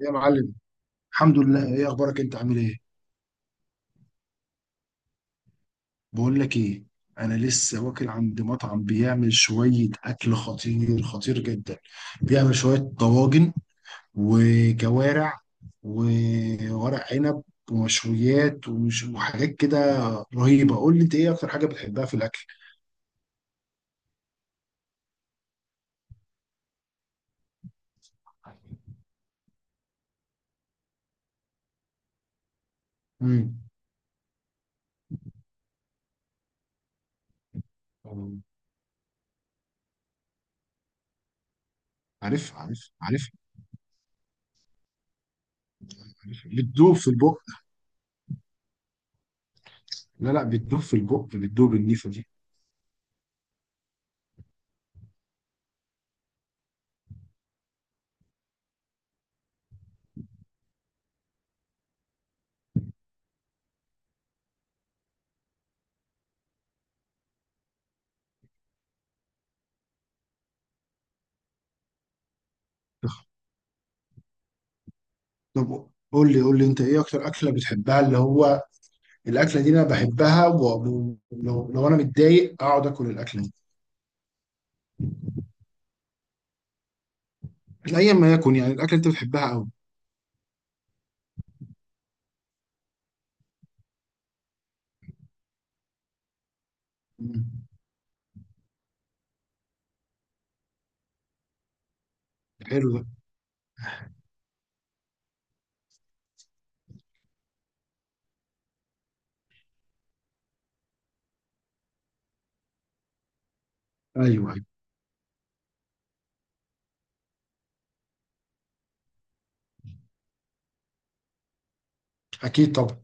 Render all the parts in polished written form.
يا معلم. الحمد لله، ايه اخبارك؟ انت عامل ايه؟ بقول لك ايه، انا لسه واكل عند مطعم بيعمل شويه اكل خطير خطير جدا. بيعمل شويه طواجن وكوارع وورق عنب ومشويات ومش وحاجات كده رهيبه. قول لي انت ايه اكتر حاجه بتحبها في الاكل؟ امم. عارف عارف عارف عارف. بتدوب في البق؟ لا لا، بتدوب في البق بتدوب النيفه دي. طب قول لي انت ايه اكتر اكله بتحبها اللي هو؟ الاكله دي انا بحبها، لو انا متضايق اقعد اكل الاكله دي. ايا ما يكن، يعني الاكله انت بتحبها قوي. مم. حلو ده. ايوه ايوه، اكيد طبعا.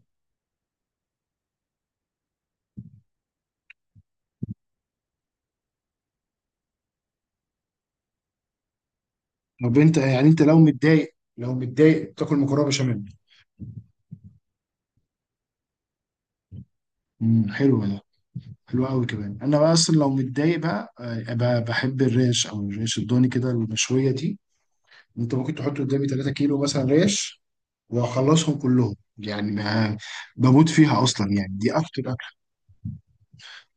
طب انت يعني انت لو متضايق تاكل مكرونه بشاميل؟ امم، حلو ده. حلو قوي كمان. انا بقى اصلا لو متضايق بقى بحب الريش او الريش الضاني كده المشويه دي. انت ممكن تحط قدامي 3 كيلو مثلا ريش واخلصهم كلهم، يعني ما بموت فيها اصلا يعني، دي اكتر اكل.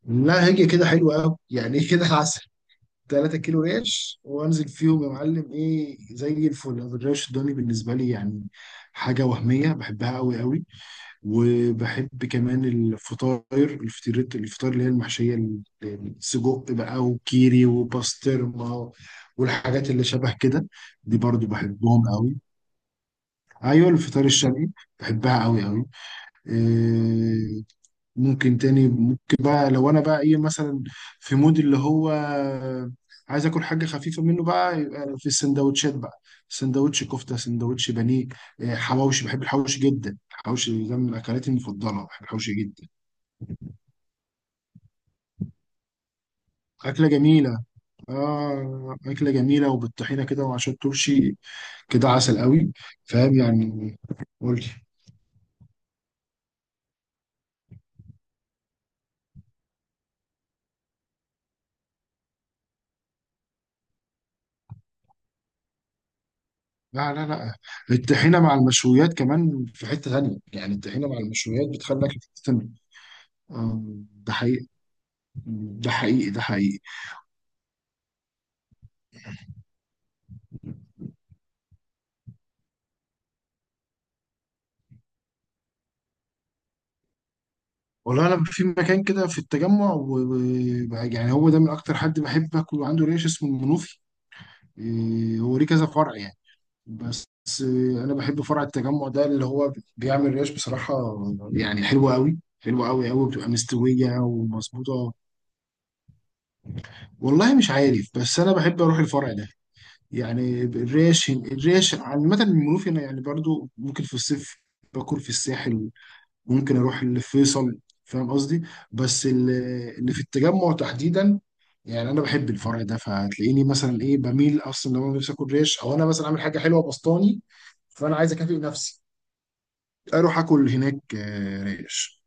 لا هي كده حلوه قوي يعني كده عسل. 3 كيلو ريش وانزل فيهم يا معلم، ايه زي الفل. أنا الريش الضاني بالنسبه لي يعني حاجه وهميه، بحبها قوي قوي. وبحب كمان الفطاير اللي هي المحشيه السجق بقى وكيري وباسترما والحاجات اللي شبه كده. دي برضو بحبهم قوي. ايوه الفطار الشرقي، بحبها قوي قوي. ممكن تاني ممكن بقى، لو انا بقى ايه مثلا في مود اللي هو عايز اكل حاجه خفيفه منه بقى، يبقى في السندوتشات بقى. سندوتش كفته، سندوتش بانيه، حواوشي. بحب الحواوشي جدا، الحواوشي ده من اكلاتي المفضله، بحب الحواوشي جدا. اكله جميله. اه اكله جميله وبالطحينه كده وعشان الترشي كده عسل قوي. فاهم يعني. قول لي. لا لا لا، الطحينه مع المشويات كمان في حته ثانيه، يعني الطحينه مع المشويات بتخليك في حته ثانيه. آه، ده حقيقي. ده حقيقي ده حقيقي. والله انا في مكان كده في التجمع يعني هو ده من اكتر حد بحب اكل عنده ريش، اسمه المنوفي. إيه، هو ليه كذا فرع يعني؟ بس إيه، انا بحب فرع التجمع ده اللي هو بيعمل ريش بصراحة، يعني حلوة قوي حلوة قوي قوي، بتبقى مستوية ومظبوطة. والله مش عارف بس انا بحب اروح الفرع ده. يعني الريش عامة المنوفي، انا يعني برضو ممكن في الصيف باكل في الساحل، ممكن اروح اللي في فيصل، فاهم قصدي؟ بس اللي في التجمع تحديدا، يعني انا بحب الفرع ده، فهتلاقيني مثلا ايه بميل اصلا لو انا نفسي اكل ريش، او انا مثلا عامل حاجه حلوه بسطاني فانا عايز اكافئ نفسي، اروح اكل هناك ريش.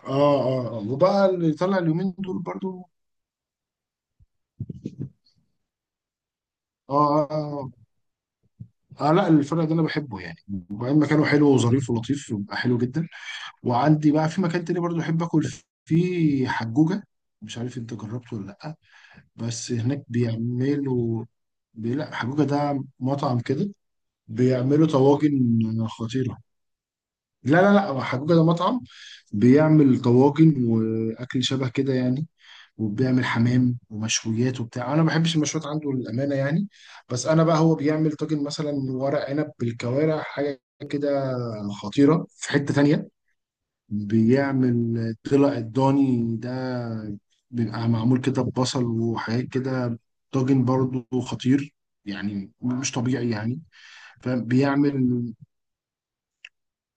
اه اه اه. وبقى اللي طلع اليومين دول برضو. اه اه اه. لا الفرع ده انا بحبه يعني، وبعدين مكانه حلو وظريف ولطيف، بيبقى حلو جدا. وعندي بقى في مكان تاني برضو احب اكل فيه، حجوجه. مش عارف انت جربته ولا لا. بس هناك بيعملوا لا حجوجة ده مطعم كده، بيعملوا طواجن خطيرة. لا لا لا، حجوجة ده مطعم، بيعمل طواجن وأكل شبه كده يعني، وبيعمل حمام ومشويات وبتاع. أنا ما بحبش المشويات عنده للأمانة يعني، بس أنا بقى هو بيعمل طاجن مثلا ورق عنب بالكوارع حاجة كده خطيرة. في حتة تانية بيعمل طلع الضاني ده، بيبقى معمول كده ببصل وحاجات كده، طاجن برضو خطير، يعني مش طبيعي يعني. فبيعمل،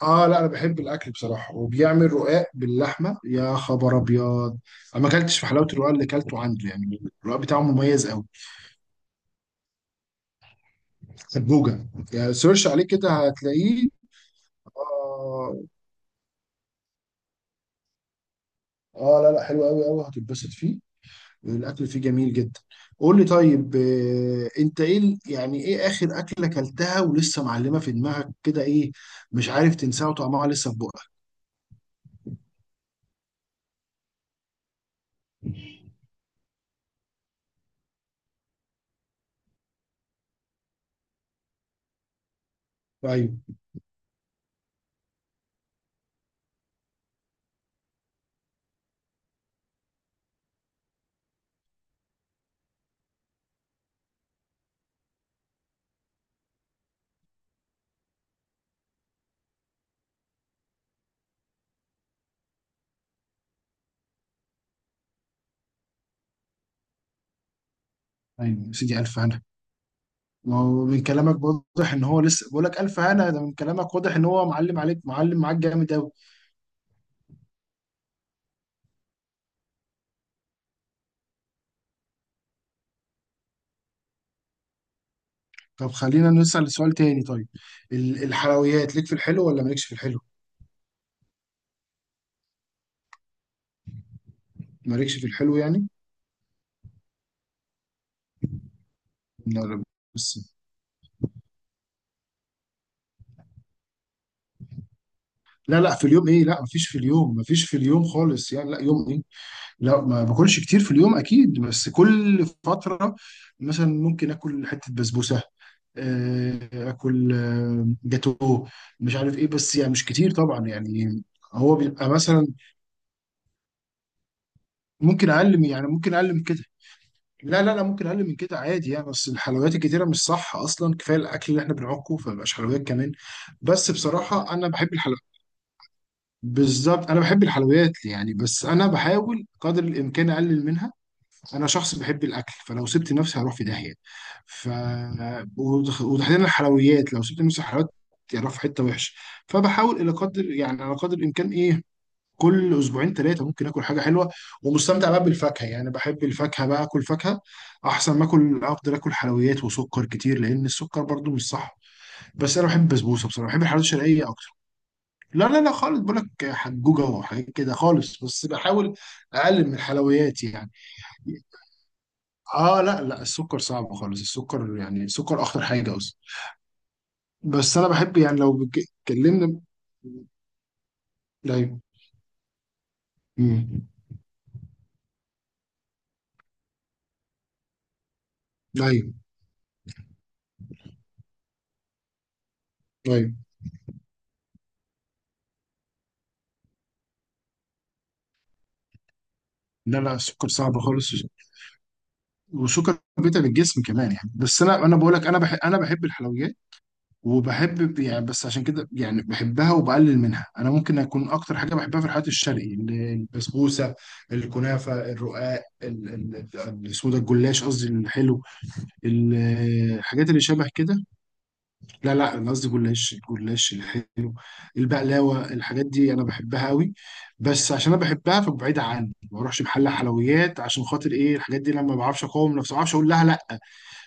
اه لا انا بحب الاكل بصراحه. وبيعمل رقاق باللحمه، يا خبر ابيض. انا ما اكلتش في حلاوه الرقاق اللي اكلته عنده، يعني الرقاق بتاعه مميز قوي. سبوجه، يعني سيرش عليه كده هتلاقيه. اه. لا لا، حلو قوي قوي، هتتبسط فيه، الاكل فيه جميل جدا. قول لي طيب انت ايه يعني ايه اخر اكله اكلتها ولسه معلمه في دماغك كده؟ ايه مش عارف تنساها وطعمها لسه في بقك. ايوه ايوه، يا سيدي الف هنا. ما هو من كلامك واضح ان هو لسه، بقول لك الف هنا ده من كلامك واضح ان هو معلم عليك، معلم معاك جامد قوي. طب خلينا نسال سؤال تاني طيب. الحلويات ليك في الحلو ولا مالكش في الحلو؟ مالكش في الحلو يعني. لا لا. بس لا لا في اليوم ايه، لا مفيش في اليوم، مفيش في اليوم خالص يعني، لا يوم إيه؟ لا ما باكلش كتير في اليوم اكيد، بس كل فتره مثلا ممكن اكل حته بسبوسه، اكل جاتو، مش عارف ايه، بس يعني مش كتير طبعا يعني. هو بيبقى مثلا ممكن يعني ممكن اقل من كده. لا لا لا، ممكن اقل من كده عادي يعني، بس الحلويات الكتيره مش صح اصلا، كفايه الاكل اللي احنا بنعكه، فمبقاش حلويات كمان. بس بصراحه انا بحب الحلويات، بالظبط انا بحب الحلويات يعني، بس انا بحاول قدر الامكان اقلل منها. انا شخص بحب الاكل، فلو سبت نفسي هروح في داهيه. ف وتحديدا الحلويات، لو سبت نفسي حلويات هروح في حته وحشه. فبحاول الى قدر يعني على قدر الامكان ايه، كل اسبوعين ثلاثه ممكن اكل حاجه حلوه، ومستمتع بقى بالفاكهه. يعني بحب الفاكهه بقى، اكل فاكهه احسن ما اكل، افضل اكل حلويات وسكر كتير لان السكر برضو مش صح. بس انا بحب البسبوسه بصراحه، بحب الحلويات الشرقيه اكتر. لا لا لا خالص، بقول لك حجوجه وحاجات كده خالص، بس بحاول اقلل من الحلويات يعني. اه لا لا، السكر صعب خالص، السكر يعني السكر اخطر حاجه اصلا. بس انا بحب، يعني لو اتكلمنا. ايوه. أمم. ايوه ايوه. لا لا، السكر صعب خالص، وسكر بيتعب الجسم كمان يعني. بس انا بقول لك انا بحب الحلويات، وبحب يعني، بس عشان كده يعني بحبها وبقلل منها. انا ممكن اكون اكتر حاجه بحبها في الحلويات الشرقي البسبوسه، الكنافه، الرقاق السودا، الجلاش قصدي الحلو، الحاجات اللي شبه كده. لا لا، انا قصدي الجلاش الحلو، البقلاوه، الحاجات دي انا بحبها قوي. بس عشان انا بحبها فبعيد عني، ما اروحش محل حلويات عشان خاطر ايه الحاجات دي، لما ما بعرفش اقاوم نفسي، ما بعرفش اقول لها لا.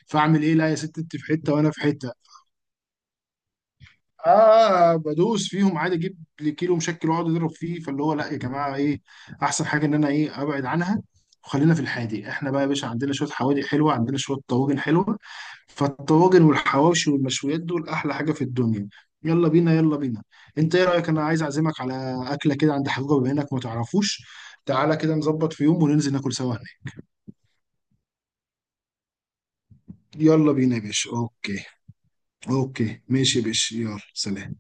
فاعمل ايه؟ لا يا ست، انت في حته وانا في حته. اه بدوس فيهم عادي، اجيب لي كيلو مشكل واقعد اضرب فيه. فاللي هو لا يا جماعه، ايه احسن حاجه ان انا ايه ابعد عنها. وخلينا في الحادق احنا بقى يا باشا، عندنا شويه حوادق حلوه، عندنا شويه طواجن حلوه، فالطواجن والحواوشي والمشويات دول احلى حاجه في الدنيا. يلا بينا، يلا بينا. انت ايه رايك؟ انا عايز اعزمك على اكله كده عند حجوجه، بما انك ما تعرفوش، تعالى كده نظبط في يوم وننزل ناكل سوا هناك. يلا بينا يا باشا، اوكي. اوكي ماشي يا باشا، يلا سلام.